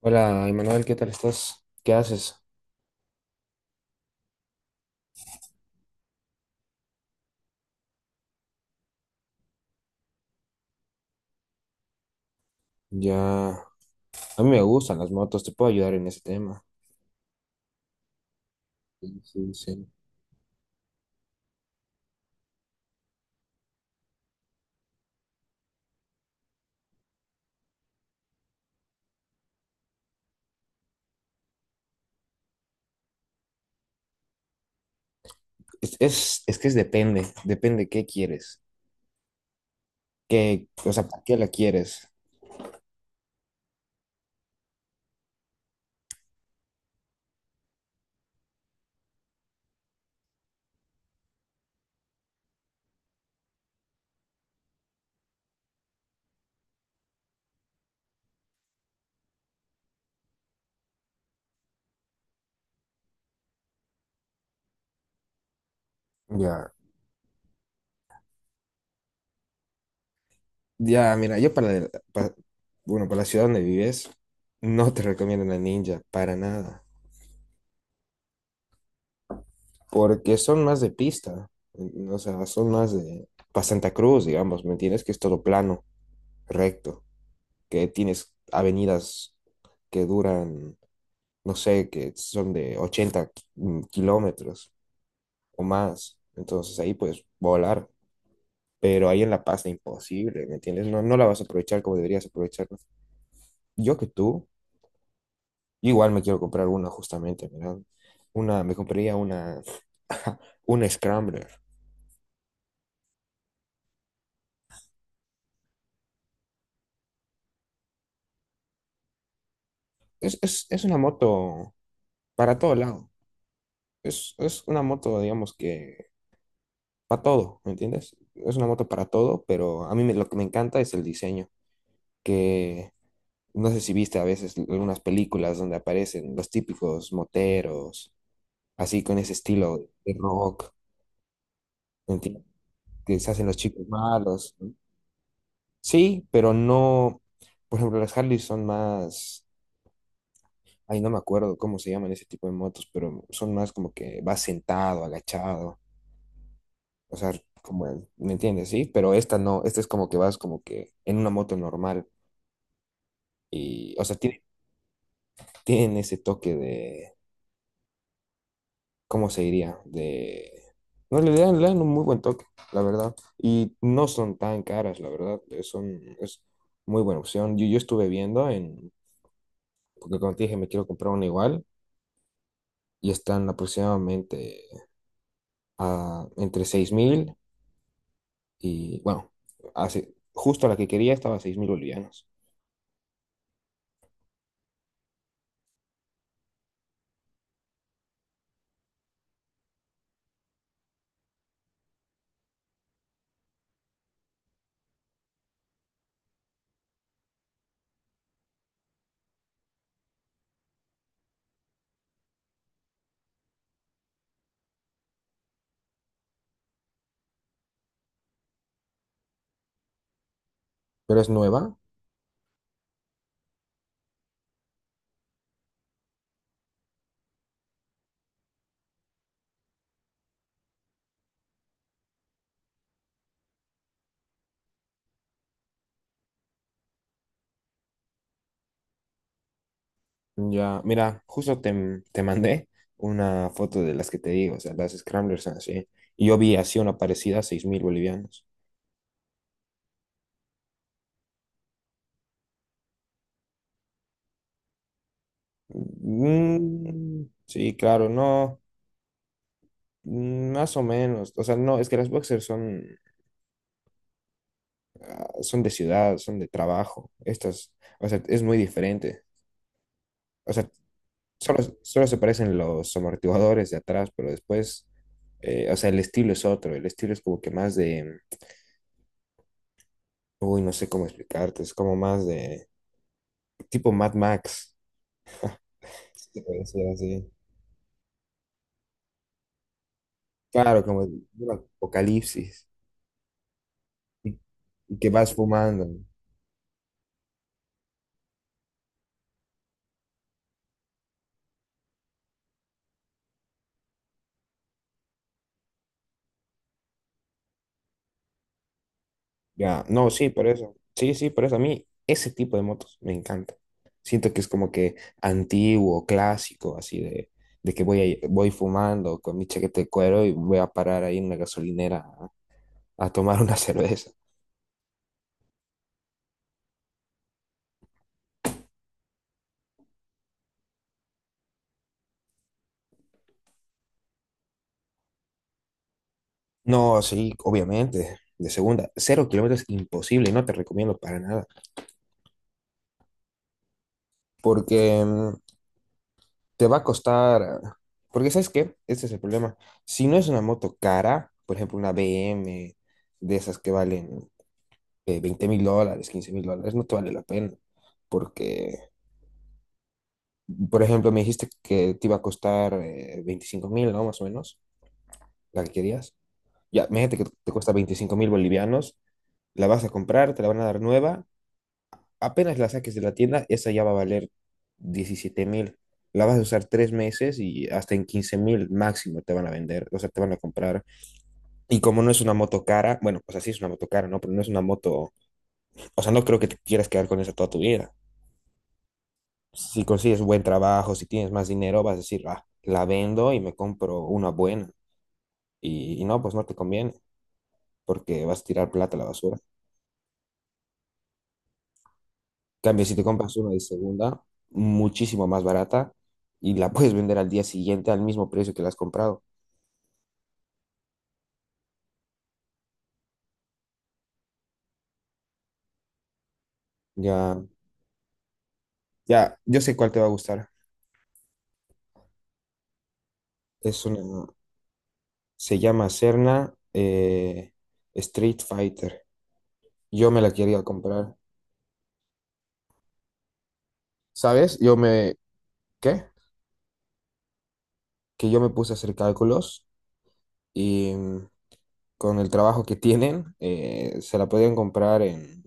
Hola, Emanuel, ¿qué tal estás? ¿Qué haces? Ya, a mí me gustan las motos, te puedo ayudar en ese tema. Sí, sí, sí. Es que es depende qué quieres, o sea, ¿para qué la quieres? Ya, ya, mira, yo para, la- para- bueno, para la ciudad donde vives, no te recomiendo la Ninja, para nada, porque son más de pista, o sea, son más de, para Santa Cruz, digamos, ¿me entiendes? Que es todo plano, recto, que tienes avenidas que duran. No sé, que son de 80 kilómetros o más. Entonces ahí pues volar. Pero ahí en La Paz es imposible, ¿me entiendes? No, no la vas a aprovechar como deberías aprovecharla. Yo que tú, igual me quiero comprar una justamente, ¿verdad? Me compraría una, una Scrambler. Es una moto para todo lado. Es una moto, digamos que, para todo, ¿me entiendes? Es una moto para todo, pero a mí lo que me encanta es el diseño, que no sé si viste a veces algunas películas donde aparecen los típicos moteros, así con ese estilo de rock, ¿entiendes? Que se hacen los chicos malos, ¿no? Sí, pero no, por ejemplo, las Harley son más, ay, no me acuerdo cómo se llaman ese tipo de motos, pero son más como que vas sentado, agachado, o sea, como, ¿me entiendes? Sí, pero esta no, esta es como que vas como que en una moto normal y, o sea, tienen ese toque de ¿cómo se diría? De. No, le dan un muy buen toque, la verdad. Y no son tan caras, la verdad. Son es muy buena opción. Yo estuve viendo en, porque como te dije, me quiero comprar una igual y están aproximadamente entre 6 mil y, bueno, justo la que quería estaba a 6 mil bolivianos. Pero es nueva. Ya, mira, justo te mandé una foto de las que te digo, o sea, las Scramblers son así. Y yo vi así una parecida a 6 mil bolivianos. Mm, sí, claro, no, más o menos. O sea, no, es que las boxers son, son de ciudad, son de trabajo. Estas, o sea, es muy diferente. O sea, solo se parecen los amortiguadores de atrás, pero después, o sea, el estilo es otro. El estilo es como que más de, uy, no sé cómo explicarte, es como más de tipo Mad Max, si se puede decir así. Claro, como de un apocalipsis y, y que vas fumando. Ya, no, sí, por eso. Sí, sí, por eso a mí ese tipo de motos me encanta. Siento que es como que antiguo, clásico, así de que voy fumando con mi chaqueta de cuero y voy a parar ahí en una gasolinera a tomar una cerveza. No, sí, obviamente, de segunda. Cero kilómetros, imposible, no te recomiendo para nada. Porque te va a costar, porque ¿sabes qué? Este es el problema. Si no es una moto cara, por ejemplo, una BM de esas que valen, que 20 mil dólares, $15.000, no te vale la pena. Porque, por ejemplo, me dijiste que te iba a costar 25 mil, ¿no? Más o menos, la que querías. Ya, imagínate que te cuesta 25.000 bolivianos, la vas a comprar, te la van a dar nueva. Apenas la saques de la tienda, esa ya va a valer 17.000. La vas a usar 3 meses y hasta en 15.000 máximo te van a vender, o sea, te van a comprar. Y como no es una moto cara, bueno, pues así es una moto cara, ¿no? Pero no es una moto, o sea, no creo que te quieras quedar con esa toda tu vida. Si consigues buen trabajo, si tienes más dinero, vas a decir, ah, la vendo y me compro una buena. Y no, pues no te conviene, porque vas a tirar plata a la basura. En cambio, si te compras una de segunda, muchísimo más barata, y la puedes vender al día siguiente al mismo precio que la has comprado. Ya, ya, yo sé cuál te va a gustar. Es una, se llama Serna Street Fighter. Yo me la quería comprar. ¿Sabes? Yo me, ¿qué? Que yo me puse a hacer cálculos y con el trabajo que tienen, se la podían comprar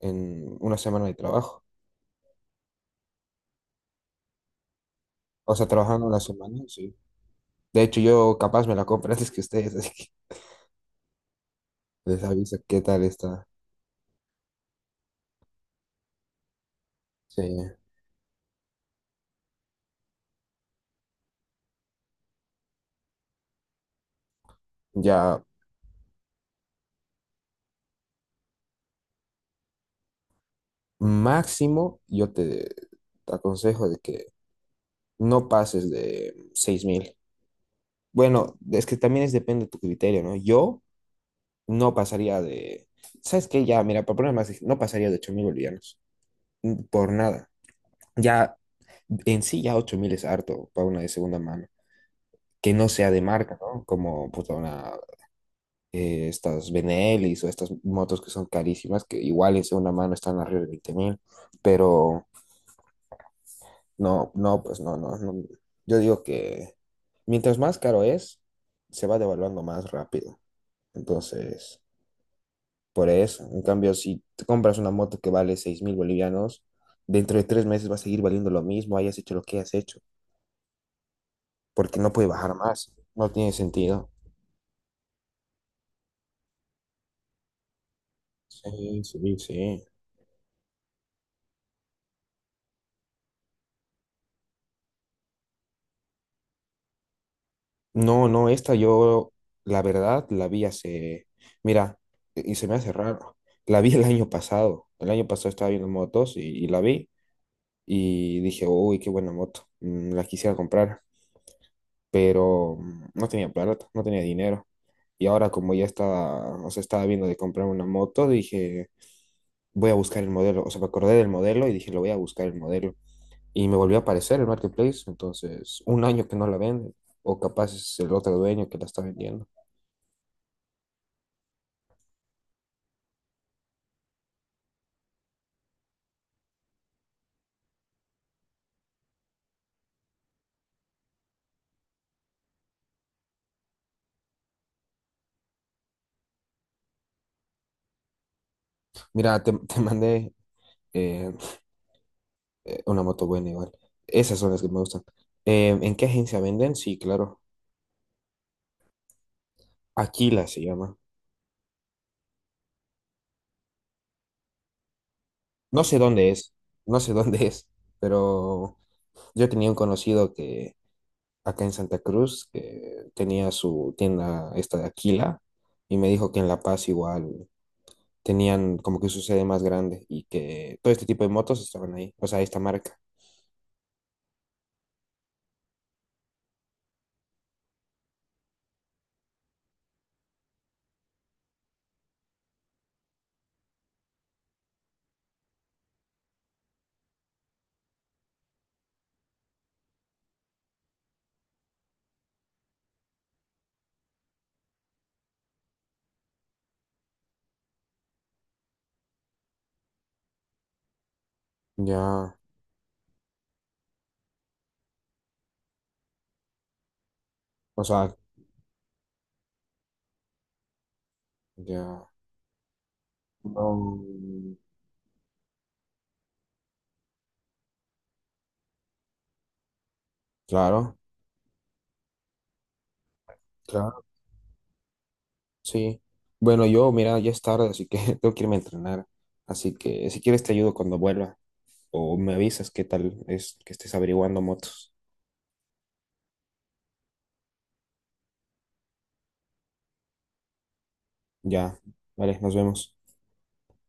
en una semana de trabajo. O sea, trabajando una semana, sí. De hecho, yo capaz me la compro antes que ustedes, así que les aviso qué tal está. Sí. Ya, máximo, yo te aconsejo de que no pases de 6.000. Bueno, es que también es depende de tu criterio, ¿no? Yo no pasaría de. ¿Sabes qué? Ya, mira, para poner más, no pasaría de 8.000 bolivianos. Por nada. Ya en sí ya 8.000 es harto para una de segunda mano, que no sea de marca, ¿no? Como puta, una, estas Benelis o estas motos que son carísimas, que igual en segunda mano están arriba de 20.000, pero no, no, pues no, no, no. Yo digo que mientras más caro es, se va devaluando más rápido. Entonces, por eso, en cambio, si te compras una moto que vale 6.000 bolivianos, dentro de 3 meses va a seguir valiendo lo mismo, hayas hecho lo que hayas hecho. Porque no puede bajar más. No tiene sentido. Sí, sí, sí. No, no, esta yo, la verdad, la vi mira, y se me hace raro. La vi el año pasado. El año pasado estaba viendo motos y la vi y dije, uy, qué buena moto. La quisiera comprar, pero no tenía plata, no tenía dinero. Y ahora como ya estaba, o sea, estaba viendo de comprar una moto, dije, voy a buscar el modelo. O sea, me acordé del modelo y dije, lo voy a buscar el modelo. Y me volvió a aparecer el marketplace, entonces un año que no la venden, o capaz es el otro dueño que la está vendiendo. Mira, te, te mandé eh, una moto buena igual. Esas son las que me gustan. ¿En qué agencia venden? Sí, claro. Aquila se llama. No sé dónde es, no sé dónde es, pero yo tenía un conocido que acá en Santa Cruz, que tenía su tienda esta de Aquila, y me dijo que en La Paz igual tenían como que su sede más grande y que todo este tipo de motos estaban ahí, o sea, esta marca. Ya, o sea, ya. No, claro, claro, sí. Bueno, yo, mira, ya es tarde, así que tengo que irme a entrenar. Así que si quieres te ayudo cuando vuelva o me avisas qué tal es que estés averiguando motos. Ya, vale, nos vemos.